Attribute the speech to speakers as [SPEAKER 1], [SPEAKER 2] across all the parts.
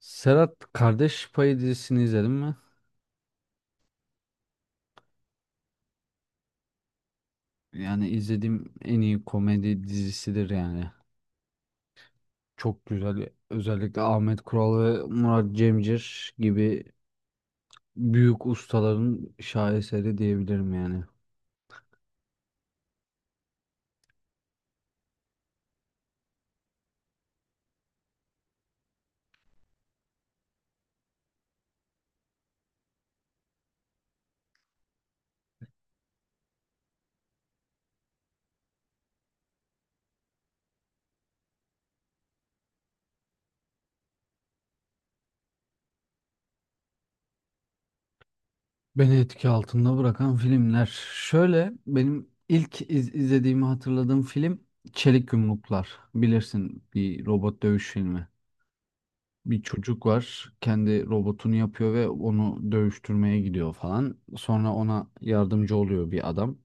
[SPEAKER 1] Serhat, Kardeş Payı dizisini izledin mi? Yani izlediğim en iyi komedi dizisidir yani. Çok güzel. Özellikle Ahmet Kural ve Murat Cemcir gibi büyük ustaların şaheseri diyebilirim yani. Beni etki altında bırakan filmler. Şöyle benim ilk izlediğimi hatırladığım film Çelik Yumruklar. Bilirsin, bir robot dövüş filmi. Bir çocuk var. Kendi robotunu yapıyor ve onu dövüştürmeye gidiyor falan. Sonra ona yardımcı oluyor bir adam.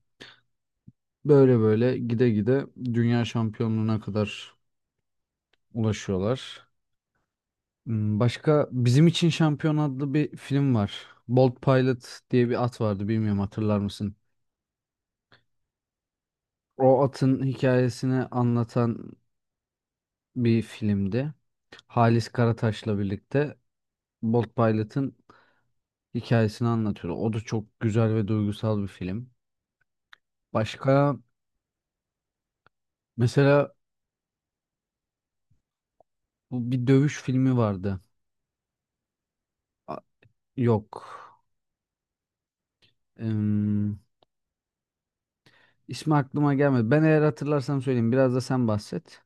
[SPEAKER 1] Böyle böyle gide gide dünya şampiyonluğuna kadar ulaşıyorlar. Başka, Bizim için Şampiyon adlı bir film var. Bolt Pilot diye bir at vardı, bilmiyorum, hatırlar mısın? O atın hikayesini anlatan bir filmdi. Halis Karataş'la birlikte Bolt Pilot'ın hikayesini anlatıyor. O da çok güzel ve duygusal bir film. Başka mesela bu bir dövüş filmi vardı. A- Yok. Em, ismi aklıma gelmedi. Ben eğer hatırlarsam söyleyeyim. Biraz da sen bahset.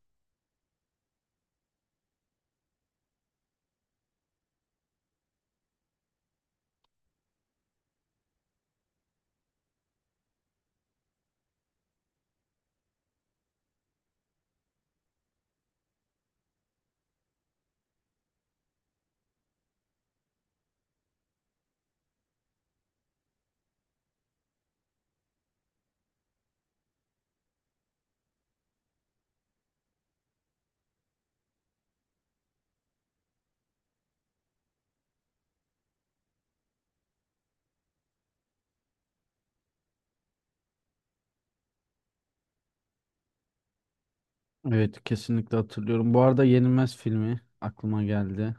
[SPEAKER 1] Evet, kesinlikle hatırlıyorum. Bu arada Yenilmez filmi aklıma geldi.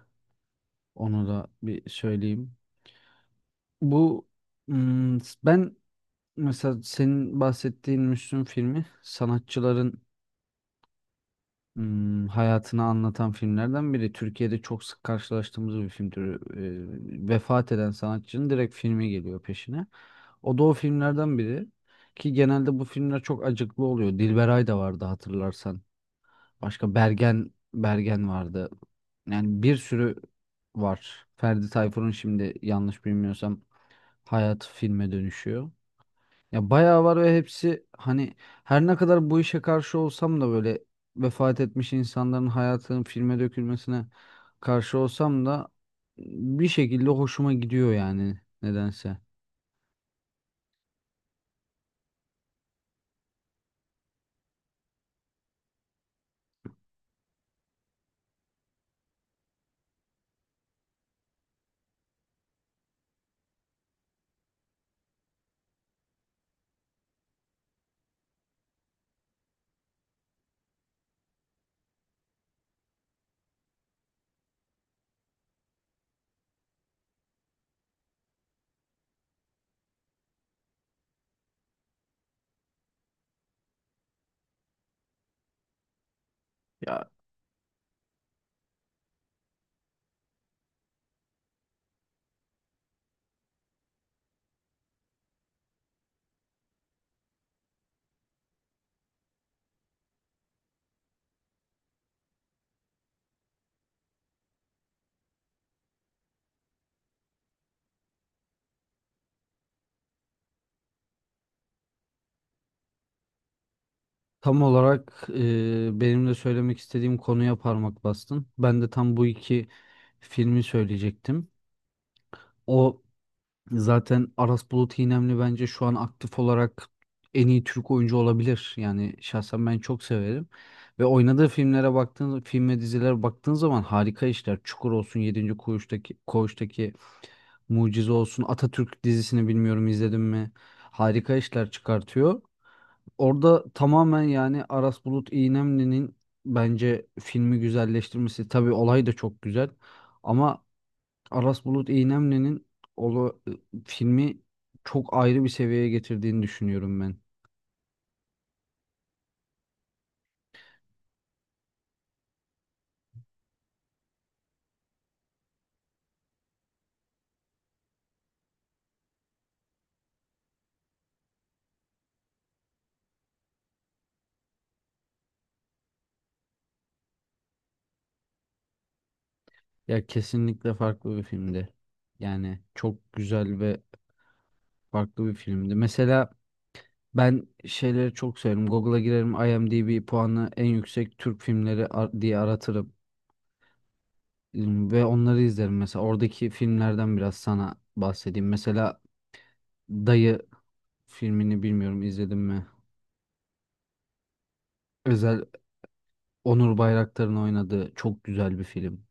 [SPEAKER 1] Onu da bir söyleyeyim. Bu hmm, ben Mesela senin bahsettiğin Müslüm filmi sanatçıların hayatını anlatan filmlerden biri. Türkiye'de çok sık karşılaştığımız bir film türü. Vefat eden sanatçının direkt filmi geliyor peşine. O da o filmlerden biri. Ki genelde bu filmler çok acıklı oluyor. Dilberay da vardı, hatırlarsan. Başka Bergen Bergen vardı. Yani bir sürü var. Ferdi Tayfur'un şimdi yanlış bilmiyorsam hayatı filme dönüşüyor. Ya bayağı var ve hepsi hani her ne kadar bu işe karşı olsam da böyle vefat etmiş insanların hayatının filme dökülmesine karşı olsam da bir şekilde hoşuma gidiyor yani nedense. Ya, tam olarak benim de söylemek istediğim konuya parmak bastın. Ben de tam bu iki filmi söyleyecektim. O Zaten Aras Bulut İynemli bence şu an aktif olarak en iyi Türk oyuncu olabilir. Yani şahsen ben çok severim. Ve oynadığı filmlere baktığın, film ve dizilere baktığın zaman harika işler. Çukur olsun, Yedinci Koğuş'taki Mucize olsun, Atatürk dizisini bilmiyorum izledim mi? Harika işler çıkartıyor. Orada tamamen yani Aras Bulut İynemli'nin bence filmi güzelleştirmesi. Tabii olay da çok güzel. Ama Aras Bulut İynemli'nin ola, filmi çok ayrı bir seviyeye getirdiğini düşünüyorum ben. Ya kesinlikle farklı bir filmdi. Yani çok güzel ve farklı bir filmdi. Mesela ben şeyleri çok severim. Google'a girerim, IMDb puanı en yüksek Türk filmleri diye aratırım, ve onları izlerim. Mesela oradaki filmlerden biraz sana bahsedeyim. Mesela Dayı filmini bilmiyorum izledim mi? Özel Onur Bayraktar'ın oynadığı çok güzel bir film.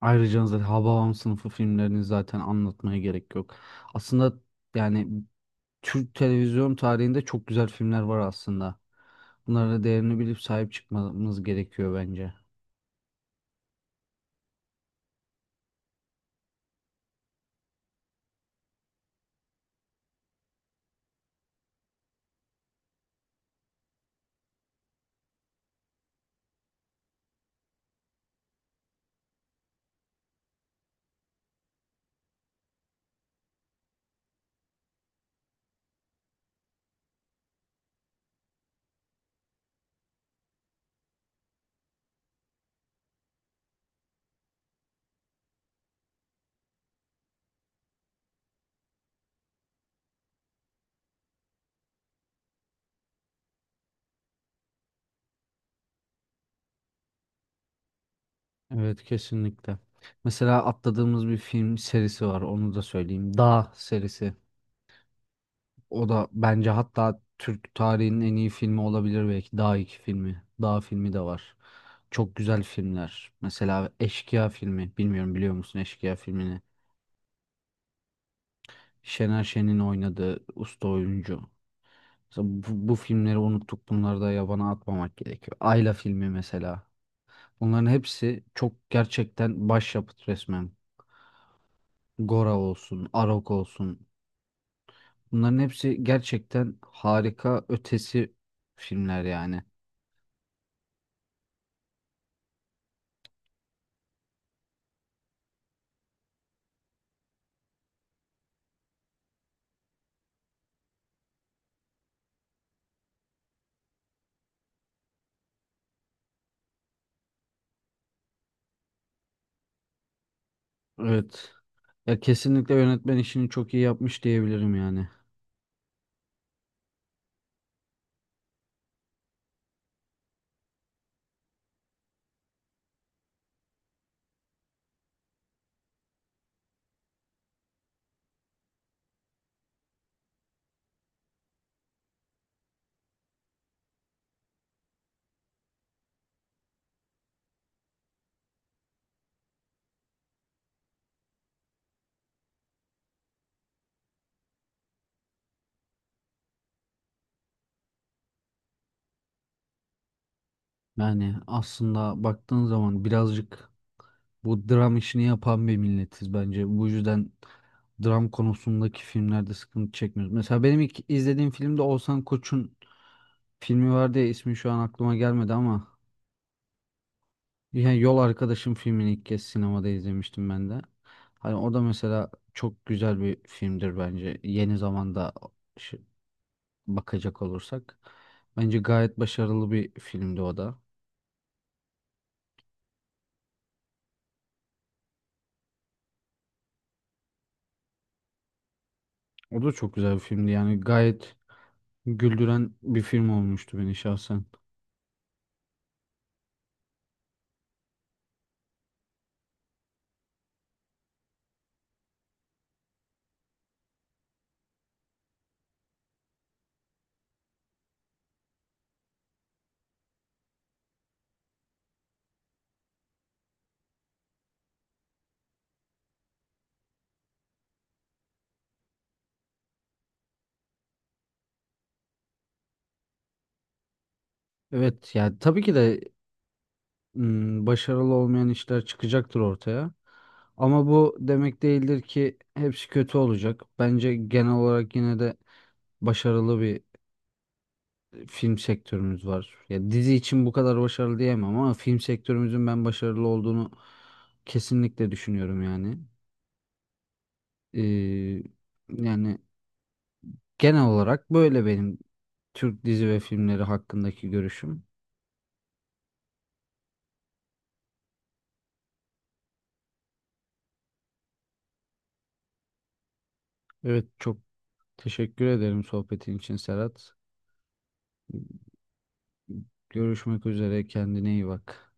[SPEAKER 1] Ayrıca zaten Hababam Sınıfı filmlerini zaten anlatmaya gerek yok. Aslında yani Türk televizyon tarihinde çok güzel filmler var aslında. Bunlara değerini bilip sahip çıkmamız gerekiyor bence. Evet, kesinlikle. Mesela atladığımız bir film serisi var, onu da söyleyeyim. Dağ serisi. O da bence hatta Türk tarihinin en iyi filmi olabilir belki. Dağ iki filmi. Dağ filmi de var. Çok güzel filmler. Mesela Eşkıya filmi. Bilmiyorum, biliyor musun Eşkıya filmini? Şener Şen'in oynadığı usta oyuncu. Mesela bu filmleri unuttuk. Bunları da yabana atmamak gerekiyor. Ayla filmi mesela. Bunların hepsi çok gerçekten başyapıt resmen. Gora olsun, Arok olsun. Bunların hepsi gerçekten harika ötesi filmler yani. Evet. Ya, kesinlikle yönetmen işini çok iyi yapmış diyebilirim yani. Yani aslında baktığın zaman birazcık bu dram işini yapan bir milletiz bence. Bu yüzden dram konusundaki filmlerde sıkıntı çekmiyoruz. Mesela benim ilk izlediğim filmde Oğuzhan Koç'un filmi vardı ya, ismi şu an aklıma gelmedi ama yani Yol Arkadaşım filmini ilk kez sinemada izlemiştim ben de. Hani o da mesela çok güzel bir filmdir bence. Yeni zamanda şi- bakacak olursak. Bence gayet başarılı bir filmdi o da. O da çok güzel bir filmdi. Yani gayet güldüren bir film olmuştu beni şahsen. Evet, yani tabii ki de başarılı olmayan işler çıkacaktır ortaya. Ama bu demek değildir ki hepsi kötü olacak. Bence genel olarak yine de başarılı bir film sektörümüz var. Ya dizi için bu kadar başarılı diyemem ama film sektörümüzün ben başarılı olduğunu kesinlikle düşünüyorum yani. Ee, Yani genel olarak böyle benim Türk dizi ve filmleri hakkındaki görüşüm. Evet, çok teşekkür ederim sohbetin için Serhat. Görüşmek üzere, kendine iyi bak.